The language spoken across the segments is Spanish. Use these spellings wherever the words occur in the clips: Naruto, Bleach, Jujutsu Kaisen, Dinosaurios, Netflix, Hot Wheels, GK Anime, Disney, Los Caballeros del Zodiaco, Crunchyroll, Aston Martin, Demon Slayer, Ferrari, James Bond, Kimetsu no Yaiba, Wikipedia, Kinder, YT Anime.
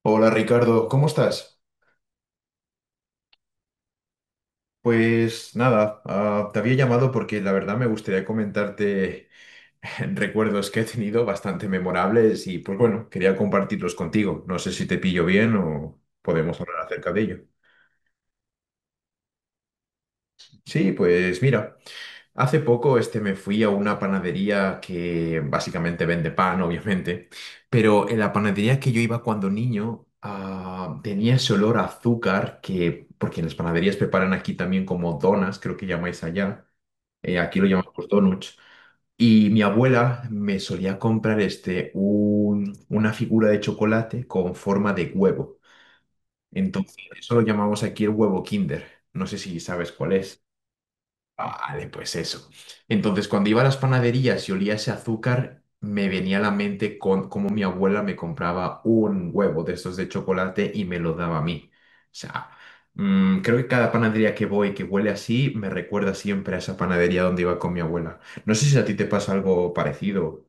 Hola Ricardo, ¿cómo estás? Pues nada, te había llamado porque la verdad me gustaría comentarte recuerdos que he tenido bastante memorables y pues bueno, quería compartirlos contigo. No sé si te pillo bien o podemos hablar acerca de ello. Sí, pues mira. Hace poco me fui a una panadería que básicamente vende pan, obviamente, pero en la panadería que yo iba cuando niño tenía ese olor a azúcar que, porque en las panaderías preparan aquí también como donas, creo que llamáis allá, aquí lo llamamos donuts, y mi abuela me solía comprar una figura de chocolate con forma de huevo. Entonces, eso lo llamamos aquí el huevo Kinder. No sé si sabes cuál es. Vale, pues eso. Entonces, cuando iba a las panaderías y olía ese azúcar, me venía a la mente con, cómo mi abuela me compraba un huevo de estos de chocolate y me lo daba a mí. O sea, creo que cada panadería que voy que huele así me recuerda siempre a esa panadería donde iba con mi abuela. No sé si a ti te pasa algo parecido.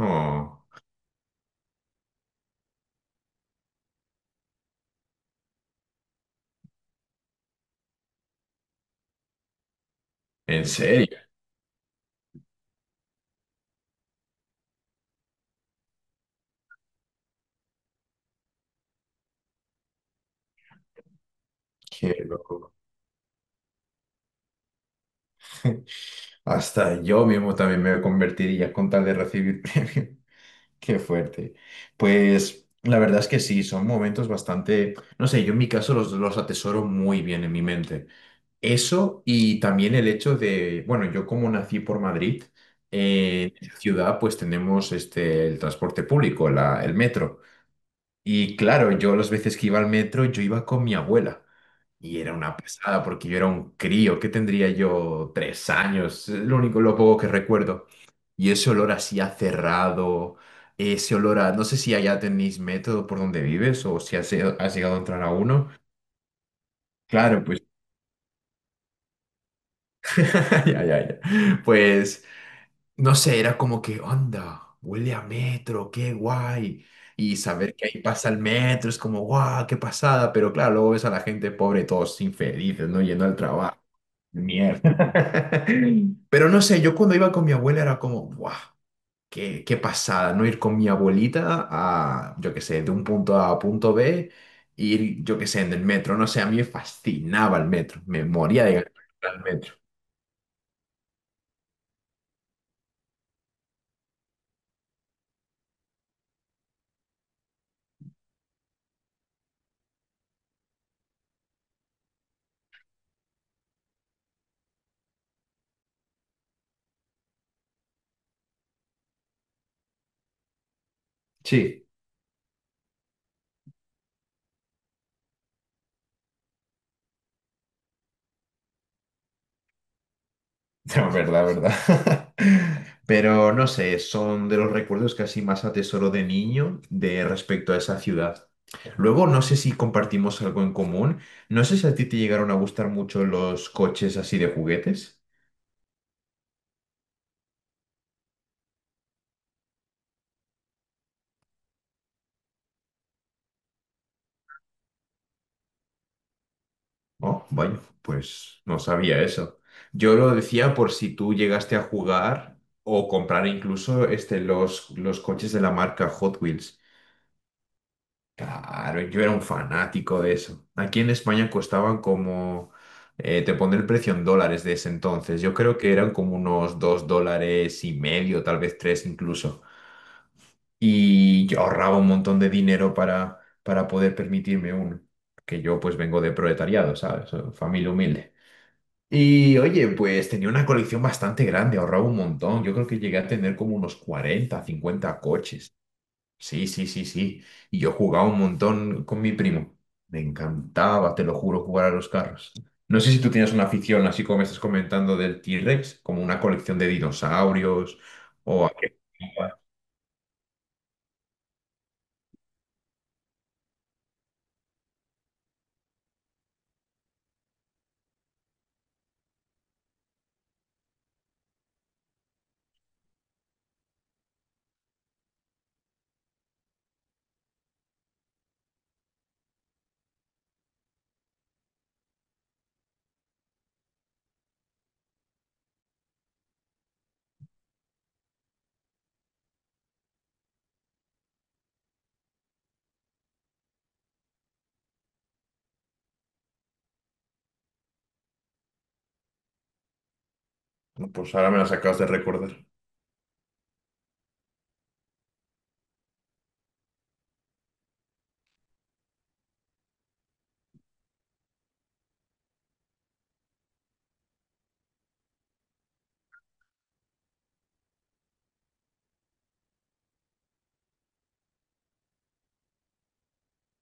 Oh, ¿en serio? Qué loco. Hasta yo mismo también me convertiría con tal de recibir premio. Qué fuerte. Pues la verdad es que sí, son momentos bastante, no sé, yo en mi caso los atesoro muy bien en mi mente. Eso y también el hecho de, bueno, yo como nací por Madrid, en la ciudad pues tenemos el transporte público, el metro. Y claro, yo las veces que iba al metro, yo iba con mi abuela. Y era una pasada porque yo era un crío, que tendría yo 3 años, es lo único, lo poco que recuerdo. Y ese olor así a cerrado, ese olor a, no sé si allá tenéis método por donde vives o si has llegado a entrar a uno. Claro, pues, ya, ya, ya. Pues no sé, era como que, onda, huele a metro, qué guay. Y saber que ahí pasa el metro es como, guau, qué pasada. Pero claro, luego ves a la gente pobre, todos infelices, ¿no? Yendo al trabajo. Mierda. Pero no sé, yo cuando iba con mi abuela era como, guau, qué pasada, ¿no? Ir con mi abuelita a, yo qué sé, de un punto A a punto B, ir, yo qué sé, en el metro. No sé, a mí me fascinaba el metro, me moría de ganas de ir al metro. Sí. No, verdad, verdad. Pero no sé, son de los recuerdos que así más atesoro de niño de respecto a esa ciudad. Luego, no sé si compartimos algo en común. No sé si a ti te llegaron a gustar mucho los coches así de juguetes. Oh, vaya, pues no sabía eso. Yo lo decía por si tú llegaste a jugar o comprar incluso los coches de la marca Hot Wheels. Claro, yo era un fanático de eso. Aquí en España costaban como, te pondré el precio en dólares de ese entonces. Yo creo que eran como unos $2,50, tal vez tres incluso. Y yo ahorraba un montón de dinero para poder permitirme uno. Que yo pues vengo de proletariado, ¿sabes? Familia humilde. Y oye, pues tenía una colección bastante grande, ahorraba un montón. Yo creo que llegué a tener como unos 40, 50 coches. Sí, sí, sí, sí. Y yo jugaba un montón con mi primo. Me encantaba, te lo juro, jugar a los carros. No sé si tú tienes una afición, así como me estás comentando del T-Rex, como una colección de dinosaurios o Pues ahora me las acabas de recordar.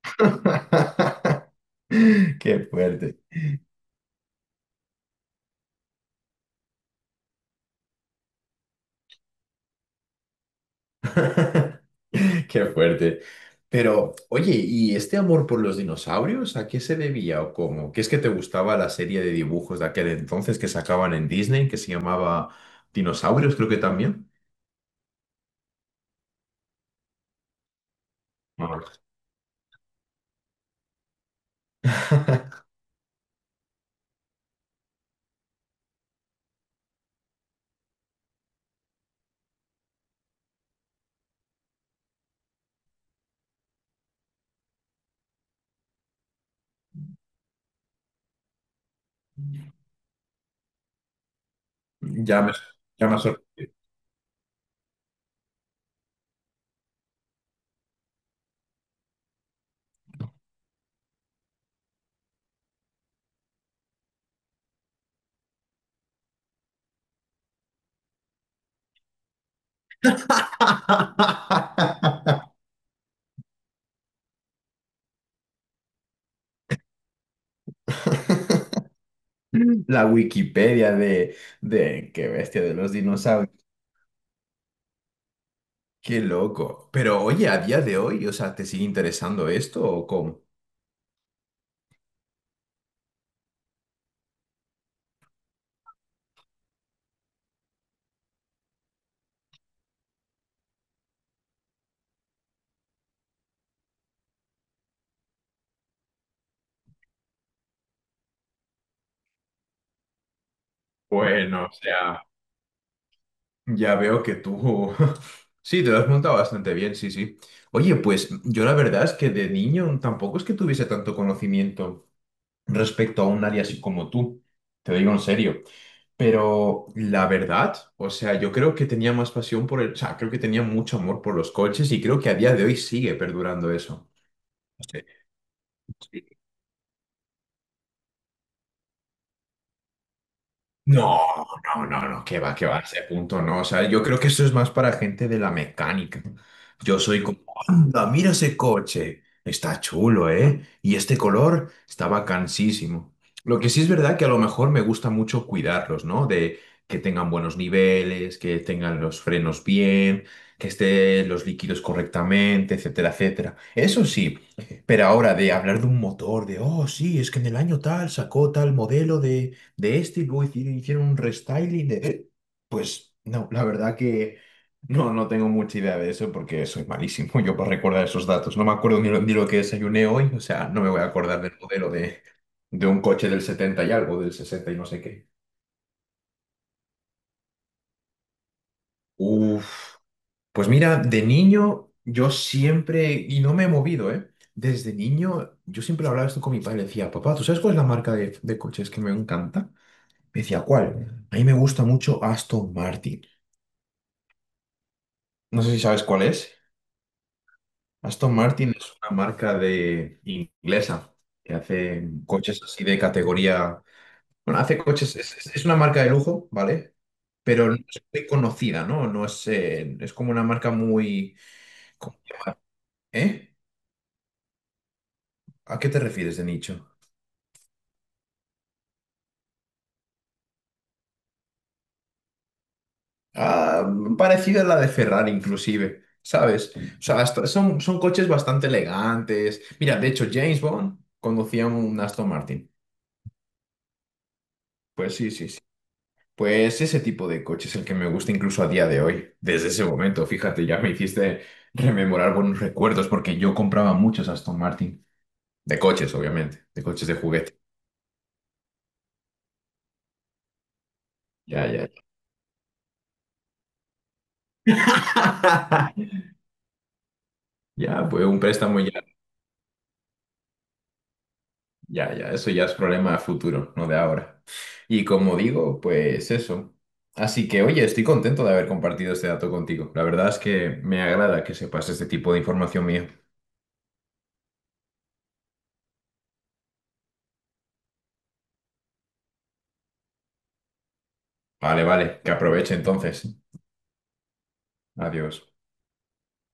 Qué fuerte. Qué fuerte. Pero, oye, ¿y este amor por los dinosaurios a qué se debía o cómo? ¿Qué es que te gustaba la serie de dibujos de aquel entonces que sacaban en Disney, que se llamaba Dinosaurios, creo que también? No, Ya me, ya me sor- La Wikipedia de qué bestia de los dinosaurios. Qué loco. Pero oye, a día de hoy, o sea, ¿te sigue interesando esto o cómo? Bueno, o sea. Ya veo que tú... Sí, te lo has montado bastante bien, sí, sí. Oye, pues yo la verdad es que de niño tampoco es que tuviese tanto conocimiento respecto a un área así como tú, te lo digo en serio. Pero la verdad, o sea, yo creo que tenía más pasión por el... O sea, creo que tenía mucho amor por los coches y creo que a día de hoy sigue perdurando eso. No, no, no, no, no, que va, a ese punto no. O sea, yo creo que eso es más para gente de la mecánica. Yo soy como, anda, mira ese coche, está chulo, ¿eh? Y este color está bacanísimo. Lo que sí es verdad que a lo mejor me gusta mucho cuidarlos, ¿no? De que tengan buenos niveles, que tengan los frenos bien, que estén los líquidos correctamente, etcétera, etcétera. Eso sí, pero ahora de hablar de un motor, de, oh, sí, es que en el año tal sacó tal modelo de este y luego hicieron un restyling de... Pues no, la verdad que no, no tengo mucha idea de eso porque soy malísimo yo para recordar esos datos. No me acuerdo ni lo que desayuné hoy, o sea, no me voy a acordar del modelo de un coche del 70 y algo, del 60 y no sé qué. Uf, pues mira, de niño yo siempre, y no me he movido, ¿eh? Desde niño yo siempre hablaba esto con mi padre, le decía, papá, ¿tú sabes cuál es la marca de coches que me encanta? Me decía, ¿cuál? A mí me gusta mucho Aston Martin. No sé si sabes cuál es. Aston Martin es una marca de inglesa que hace coches así de categoría. Bueno, hace coches, es una marca de lujo, ¿vale? Pero no es muy conocida, ¿no? No es como una marca muy. co- ¿Eh? ¿A qué te refieres de nicho? Ah, parecida a la de Ferrari, inclusive, ¿sabes? O sea, son coches bastante elegantes. Mira, de hecho, James Bond conducía un Aston Martin. Pues sí, sí, sí. Pues ese tipo de coche es el que me gusta incluso a día de hoy. Desde ese momento, fíjate, ya me hiciste rememorar buenos recuerdos porque yo compraba muchos Aston Martin. De coches, obviamente. De coches de juguete. Ya, ya. Ya, pues un préstamo ya. Ya, ya. Eso ya es problema futuro, no de ahora. Y como digo, pues eso. Así que, oye, estoy contento de haber compartido este dato contigo. La verdad es que me agrada que sepas este tipo de información mía. Vale, vale. Que aproveche entonces. Adiós.